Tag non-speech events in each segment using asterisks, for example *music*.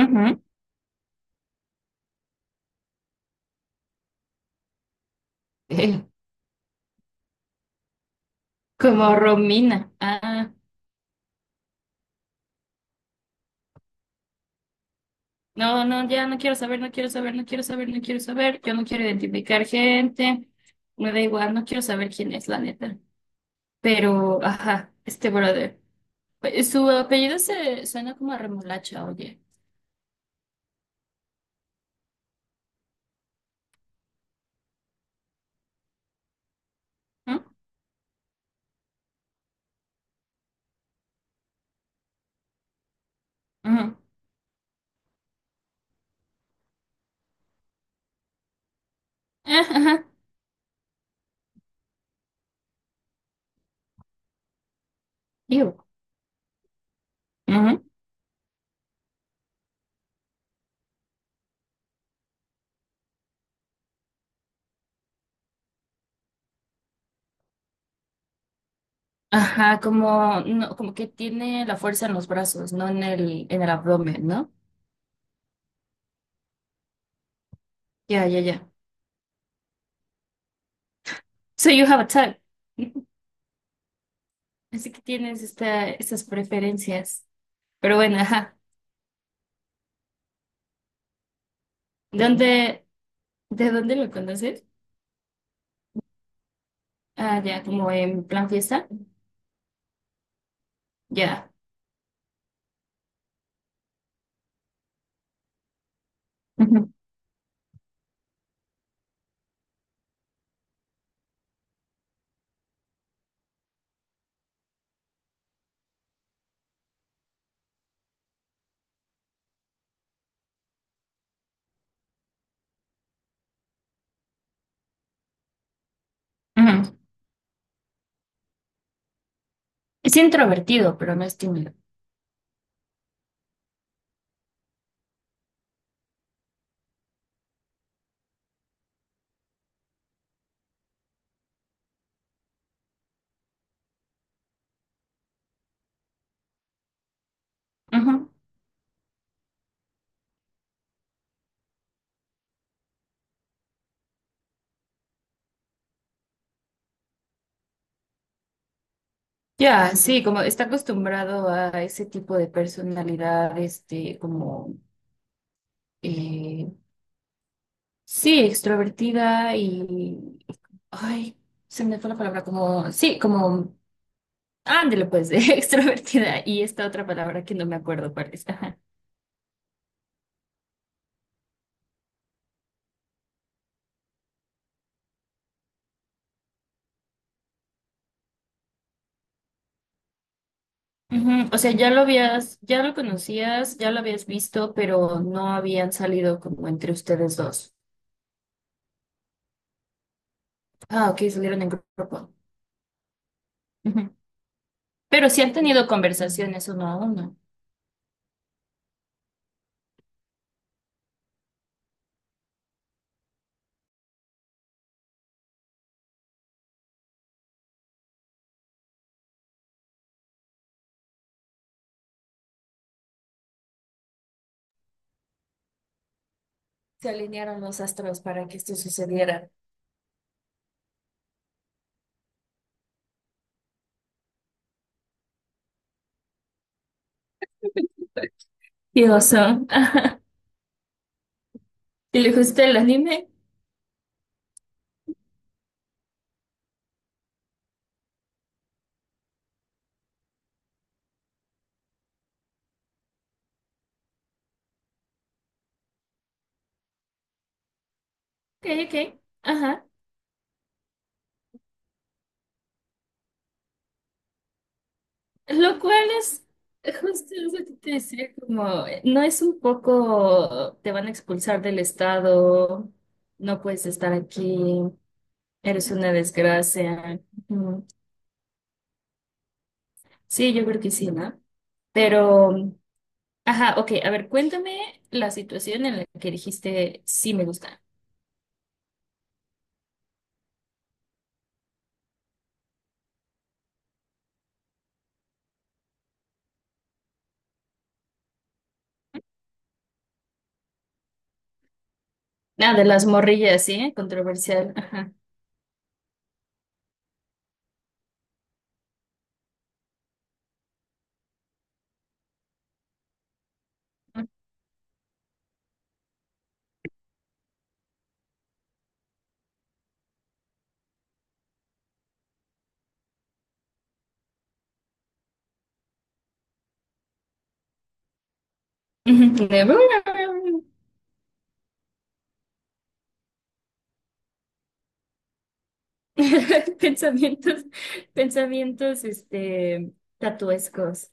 Ujú. Eh, Como Romina. No, no, ya no quiero saber, no quiero saber, no quiero saber, no quiero saber. Yo no quiero identificar gente. Me da igual, no quiero saber quién es, la neta. Pero, ajá, este brother. Pues, su apellido se suena como a remolacha, oye. ¿Mm? Ujú. Ah, ajá, digo. Ujú. Ajá, como, no, como que tiene la fuerza en los brazos, no en en el abdomen, ¿no? Ya, ya, ya. So you have a type. Así que tienes estas preferencias. Pero bueno, ajá. ¿Dónde, ¿de dónde lo conoces? Ah, ya, como en plan fiesta. Ya. Ujú, ujú. Es introvertido, pero no es tímido. Ujú. Ya, sí, como está acostumbrado a ese tipo de personalidad, este, como, eh, sí, extrovertida y, ay, se me fue la palabra, como, sí, como, ándale pues, *laughs* extrovertida y esta otra palabra que no me acuerdo cuál es. Ujú, o sea, ya lo habías, ya lo conocías, ya lo habías visto, pero no habían salido como entre ustedes dos. Ah, ok, salieron en grupo. Ujú. Pero sí han tenido conversaciones uno a uno. Se alinearon los astros para que esto sucediera. Qué oso. Ah, ¿y le gusta el anime? Ok, ok. Ajá. Lo cual es justo lo que te decía, como, no es un poco, te van a expulsar del estado, no puedes estar aquí. Eres una desgracia. Ujú. Sí, yo creo que sí, ¿no? Pero, ajá, ok, a ver, cuéntame la situación en la que dijiste sí me gusta. Ah, de las morrillas, ¿sí? Controversial, ajá. Ujú. *laughs* Pensamientos, pensamientos, este, tatuescos.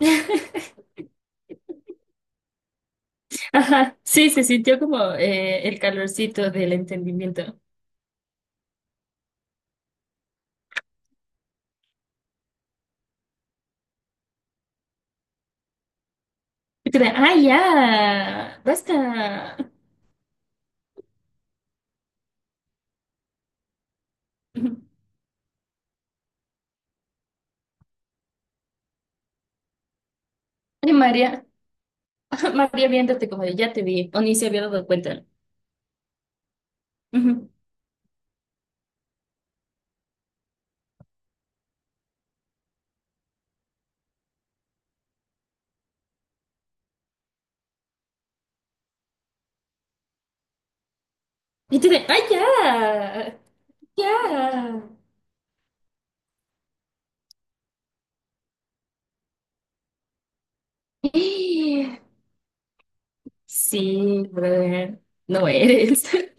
*laughs* Ajá, sí, se sintió como el calorcito del entendimiento. Y tú de, ah, ya, basta. *laughs* Ay, María. *laughs* María viéndote como de ya te vi, o ni se había dado cuenta. Ujú. Y te de, ¡ay, ya! ¡Ya! *gasps* Sí, brother, no eres. *laughs*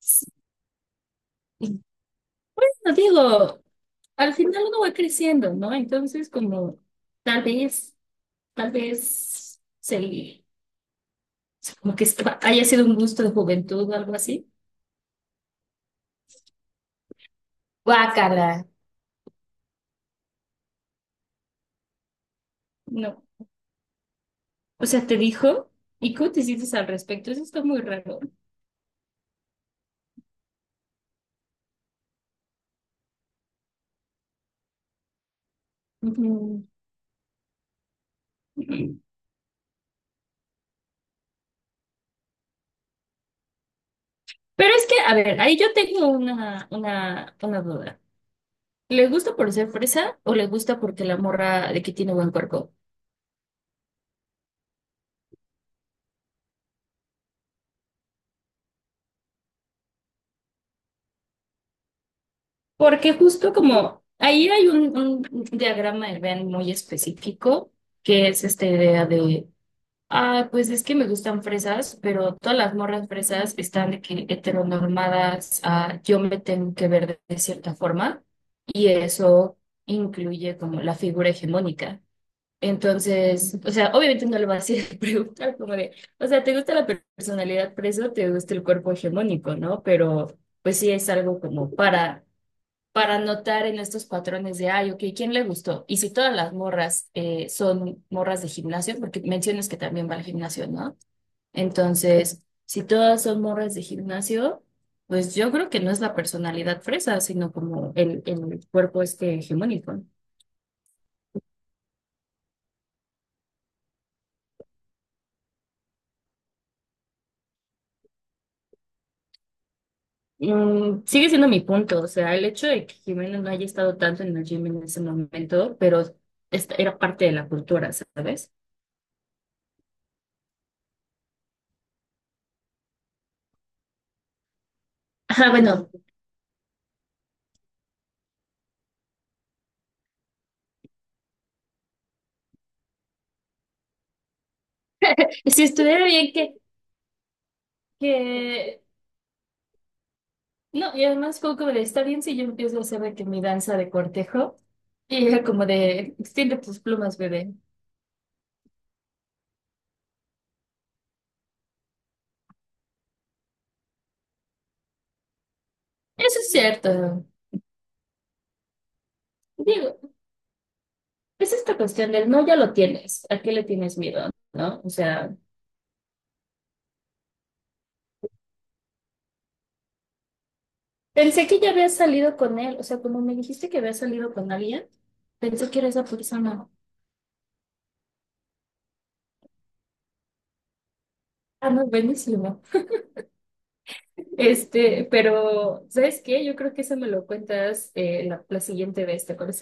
Sí. Bueno, digo, al final uno va creciendo, ¿no? Entonces, como tal vez, tal vez se, como que haya sido un gusto de juventud o algo así. Guácala. No. O sea, te dijo, ¿y cómo te sientes al respecto? Eso está muy raro. Ujú. Pero es que, a ver, ahí yo tengo una duda. ¿Le gusta por ser fresa o le gusta porque la morra de que tiene buen cuerpo? Porque justo como ahí hay un diagrama del Venn muy específico, que es esta idea de, ah, pues es que me gustan fresas, pero todas las morras fresas están de que heteronormadas, ah, yo me tengo que ver de cierta forma, y eso incluye como la figura hegemónica. Entonces, o sea, obviamente no le vas a ir a *laughs* preguntar como de, o sea, ¿te gusta la personalidad preso? ¿Te gusta el cuerpo hegemónico, no? Pero pues sí es algo como para notar en estos patrones de, ay, ok, ¿quién le gustó? Y si todas las morras son morras de gimnasio, porque mencionas que también va al gimnasio, ¿no? Entonces, si todas son morras de gimnasio, pues yo creo que no es la personalidad fresa, sino como el cuerpo este hegemónico. Mm, sigue siendo mi punto, o sea, el hecho de que Jimena no haya estado tanto en el gym en ese momento, pero esta era parte de la cultura, ¿sabes? Ah, bueno, si estuviera bien que... No, y además fue como de, está bien si yo empiezo a hacer de que mi danza de cortejo, y era como de, extiende tus plumas, bebé. Eso es cierto. Digo, es esta cuestión del no, ya lo tienes, ¿a qué le tienes miedo? ¿No? O sea... Pensé que ya había salido con él, o sea, como me dijiste que había salido con alguien, pensé que era esa persona. Ah, no, buenísimo. Este, pero, ¿sabes qué? Yo creo que eso me lo cuentas la, la siguiente vez, ¿te acuerdas?